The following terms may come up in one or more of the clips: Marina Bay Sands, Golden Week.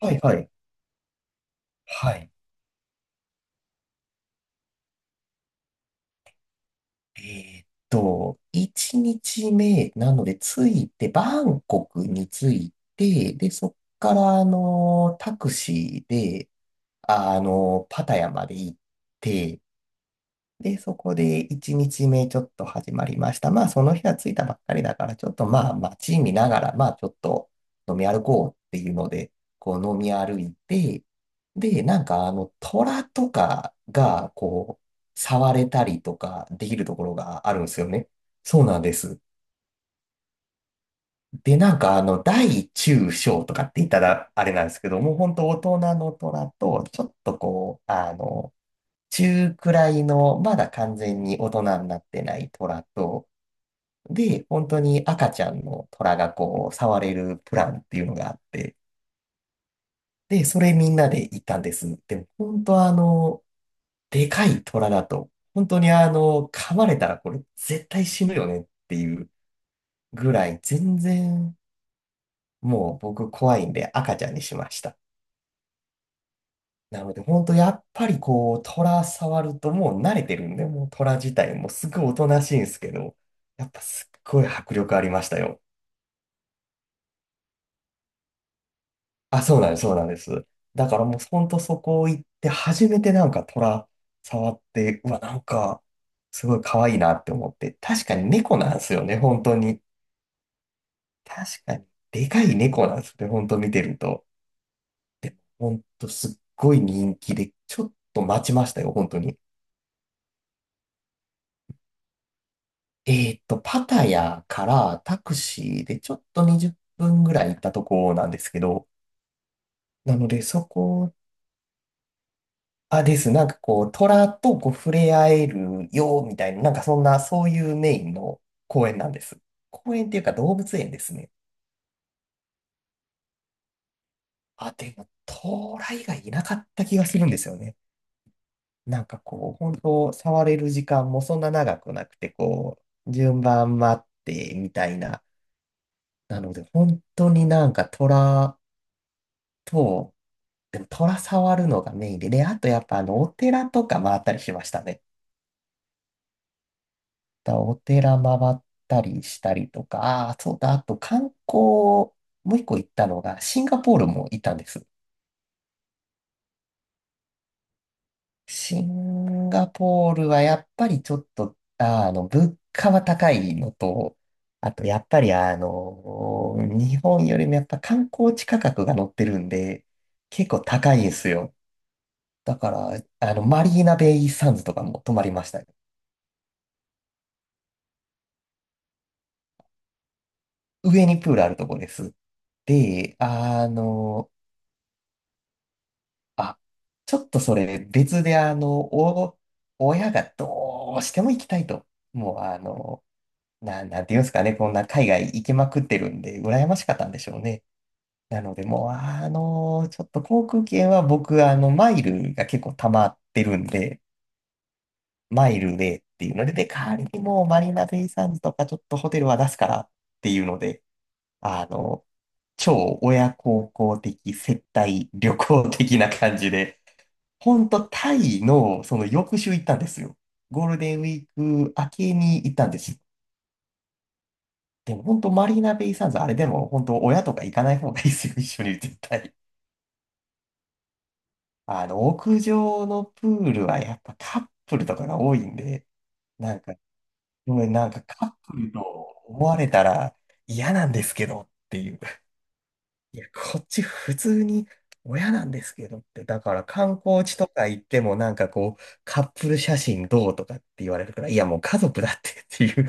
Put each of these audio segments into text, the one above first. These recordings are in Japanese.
はいはい。はい。1日目なので、着いて、バンコクに着いて、そっから、タクシーで、パタヤまで行って、で、そこで1日目ちょっと始まりました。まあ、その日は着いたばっかりだから、ちょっとまあ、街見ながら、まあ、ちょっと飲み歩こうっていうので、こう飲み歩いて、で、虎とかが、こう、触れたりとかできるところがあるんですよね。そうなんです。で、大中小とかって言ったらあれなんですけど、もう本当大人の虎と、ちょっとこう、中くらいの、まだ完全に大人になってない虎と、で、本当に赤ちゃんの虎がこう、触れるプランっていうのがあって、で、それみんなで行ったんです。でも、本当あの、でかい虎だと、本当にあの、噛まれたらこれ絶対死ぬよねっていうぐらい、もう僕怖いんで赤ちゃんにしました。なので、本当やっぱりこう、虎触るともう慣れてるんで、もう虎自体もすごいおとなしいんですけど、やっぱすっごい迫力ありましたよ。あ、そうなんです、そうなんです。だからもう本当そこ行って、初めて虎触って、うわ、なんか、すごい可愛いなって思って、確かに猫なんですよね、本当に。確かに、でかい猫なんですね、本当見てると。本当すっごい人気で、ちょっと待ちましたよ、本当に。パタヤからタクシーでちょっと20分ぐらい行ったとこなんですけど、なのでそこ、あ、です。なんかこう、虎とこう触れ合えるよ、みたいな、なんかそんな、そういうメインの公園なんです。公園っていうか動物園ですね。あ、でも、虎以外いなかった気がするんですよね。なんかこう、本当触れる時間もそんな長くなくて、こう、順番待って、みたいな。なので、本当になんか虎、と、でも虎触るのがメインで、で、あとやっぱお寺とか回ったりしましたね。お寺回ったりしたりとか、ああ、そうだ、あと観光、もう一個行ったのが、シンガポールも行ったんです。シンガポールはやっぱりちょっと、物価は高いのと、あとやっぱり日本よりもやっぱ観光地価格が乗ってるんで、結構高いんですよ。だから、マリーナベイサンズとかも泊まりましたね。上にプールあるとこです。で、あ、ちょっとそれ別で親がどうしても行きたいと。もうあの、な、なんていうんですかね、こんな海外行きまくってるんで、羨ましかったんでしょうね。なので、もうあの、ちょっと航空券は僕、マイルが結構溜まってるんで、マイルでっていうので、で、代わりにもうマリーナベイサンズとかちょっとホテルは出すからっていうので、あの、超親孝行的接待旅行的な感じで、ほんとタイのその翌週行ったんですよ。ゴールデンウィーク明けに行ったんです。でも本当マリーナベイサンズあれでも本当親とか行かない方がいいですよ、一緒に絶対。屋上のプールはやっぱカップルとかが多いんで、なんか、ごめんなんかカップルと思われたら嫌なんですけどっていう。いや、こっち普通に親なんですけどって、だから観光地とか行ってもなんかこう、カップル写真どうとかって言われるから、いやもう家族だってっていう、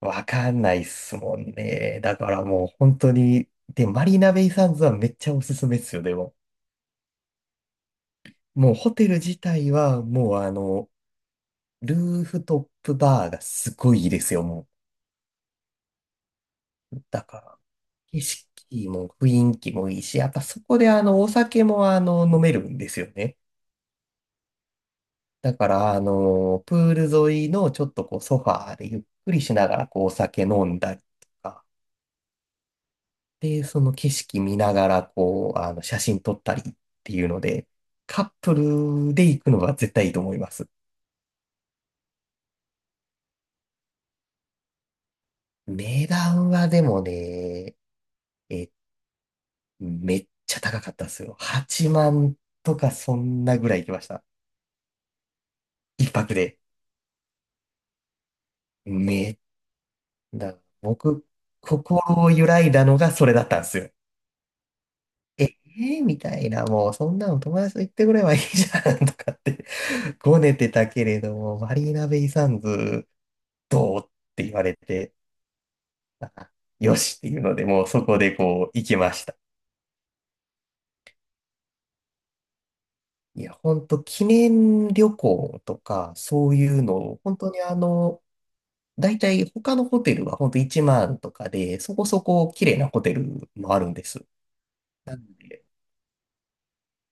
わかんないっすもんね。だからもう本当に、で、マリーナベイサンズはめっちゃおすすめっすよ、でも。もうホテル自体はもうあの、ルーフトップバーがすごいいいですよ、もう。だから、景色も雰囲気もいいし、やっぱそこでお酒も飲めるんですよね。だから、プール沿いのちょっとこうソファーでゆっくりしながらこうお酒飲んだりとか、で、その景色見ながらこう、写真撮ったりっていうので、カップルで行くのが絶対いいと思います。値段はでもね、え、めっちゃ高かったですよ。8万とかそんなぐらい行きました。一泊で。め、だ、僕、心を揺らいだのがそれだったんですよ。ええーみたいな、もうそんなの友達と行ってくればいいじゃんとかってご ねてたけれども、マリーナベイサンズどうって言われて、あよしっていうので、もうそこでこう行きました。いや、本当記念旅行とか、そういうのを、本当に大体他のホテルは本当1万とかで、そこそこ綺麗なホテルもあるんです。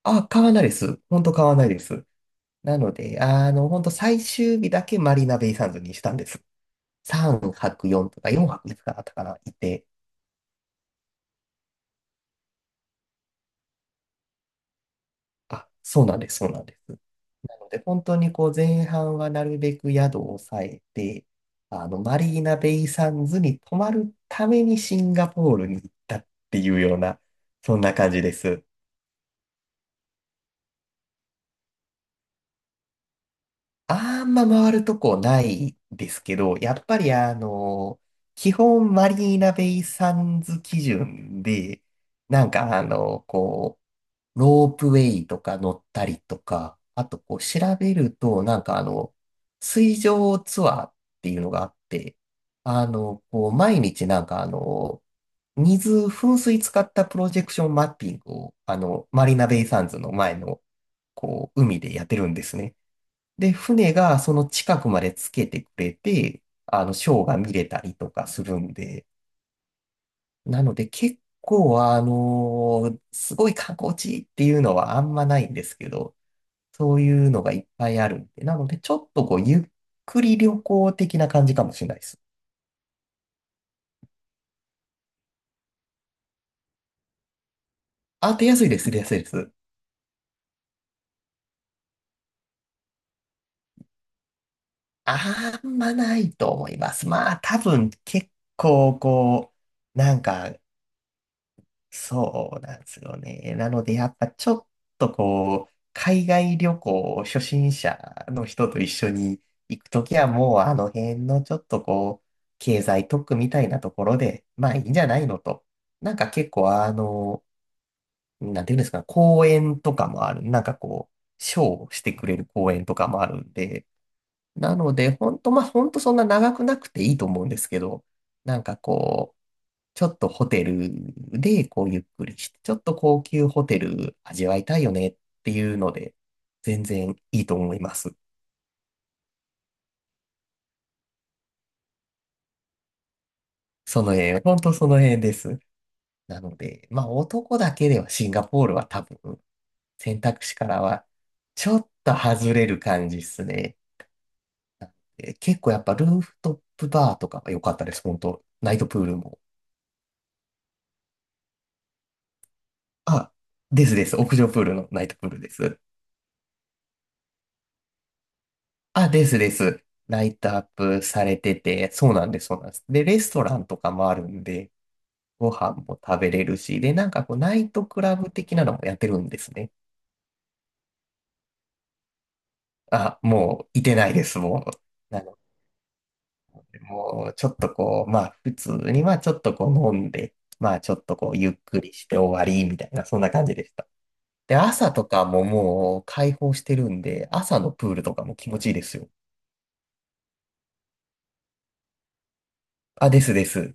あ、買わないです。本当買わないです。なので、本当最終日だけマリーナベイサンズにしたんです。3泊4とか4泊5かだったかな、いて。あ、そうなんです、そうなんです。なので、本当にこう前半はなるべく宿を抑えて、マリーナベイサンズに泊まるためにシンガポールに行ったっていうような、そんな感じです。あんま回るとこないですけど、やっぱり基本マリーナベイサンズ基準で、なんかあの、こロープウェイとか乗ったりとか、あとこう調べると、水上ツアーっていうのがあって、毎日噴水使ったプロジェクションマッピングを、マリーナベイサンズの前の、こう、海でやってるんですね。で、船がその近くまでつけてくれて、ショーが見れたりとかするんで、なので結構、すごい観光地っていうのはあんまないんですけど、そういうのがいっぱいあるんで、なのでちょっとこう、ゆっくり旅行的な感じかもしれないです。あ、出やすいです、出やすいです。あんまないと思います。まあ、多分結構こう、なんかそうなんですよね。なので、やっぱちょっとこう、海外旅行初心者の人と一緒に行くときはもうあの辺のちょっとこう、経済特区みたいなところで、まあいいんじゃないのと。なんか結構あの、なんていうんですか、公園とかもある。なんかこう、ショーをしてくれる公園とかもあるんで、なので、本当そんな長くなくていいと思うんですけど、なんかこう、ちょっとホテルでこうゆっくりして、ちょっと高級ホテル味わいたいよねっていうので、全然いいと思います。その辺、本当その辺です。なので、まあ男だけではシンガポールは多分選択肢からはちょっと外れる感じですね。結構やっぱルーフトップバーとかが良かったです、本当ナイトプールも。あ、ですです。屋上プールのナイトプールです。あ、ですです。ライトアップされてて、そうなんです、そうなんです。で、レストランとかもあるんで、ご飯も食べれるし、で、なんかこう、ナイトクラブ的なのもやってるんですね。あ、もう、いてないです、もう。なので、もう、ちょっとこう、まあ、普通に、まあ、ちょっとこう、飲んで、まあ、ちょっとこう、ゆっくりして終わり、みたいな、そんな感じでした。で、朝とかももう、開放してるんで、朝のプールとかも気持ちいいですよ。あ、ですです。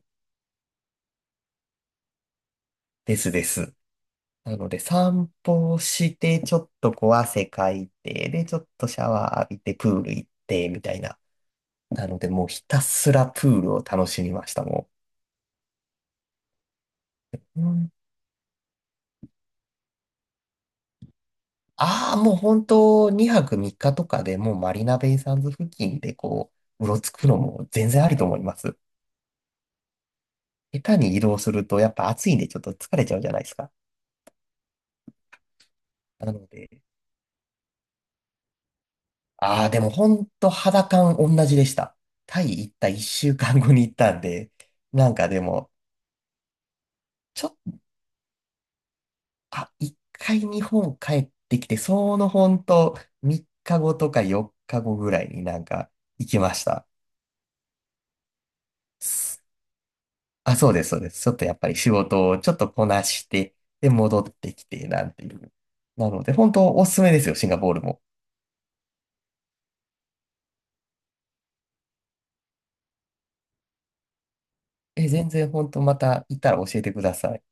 ですです。なので、散歩をして、ちょっとこう汗かいて、で、ちょっとシャワー浴びて、プール行って、みたいな。なので、もうひたすらプールを楽しみました、もう。うんああ、もう本当、2泊3日とかでもうマリナベイサンズ付近でこう、うろつくのも全然ありと思います。下手に移動すると、やっぱ暑いんでちょっと疲れちゃうじゃないですか。なので、ああ、でも本当肌感同じでした。タイ行った1週間後に行ったんで、なんかでも、ちょっあ、一回日本帰ってきて、そのほんと3日後とか4日後ぐらいになんか行きました。すあ、そうです、そうです。ちょっとやっぱり仕事をちょっとこなして、で、戻ってきて、なんていう。なので、本当おすすめですよ、シンガポールも。え、全然本当また行ったら教えてください。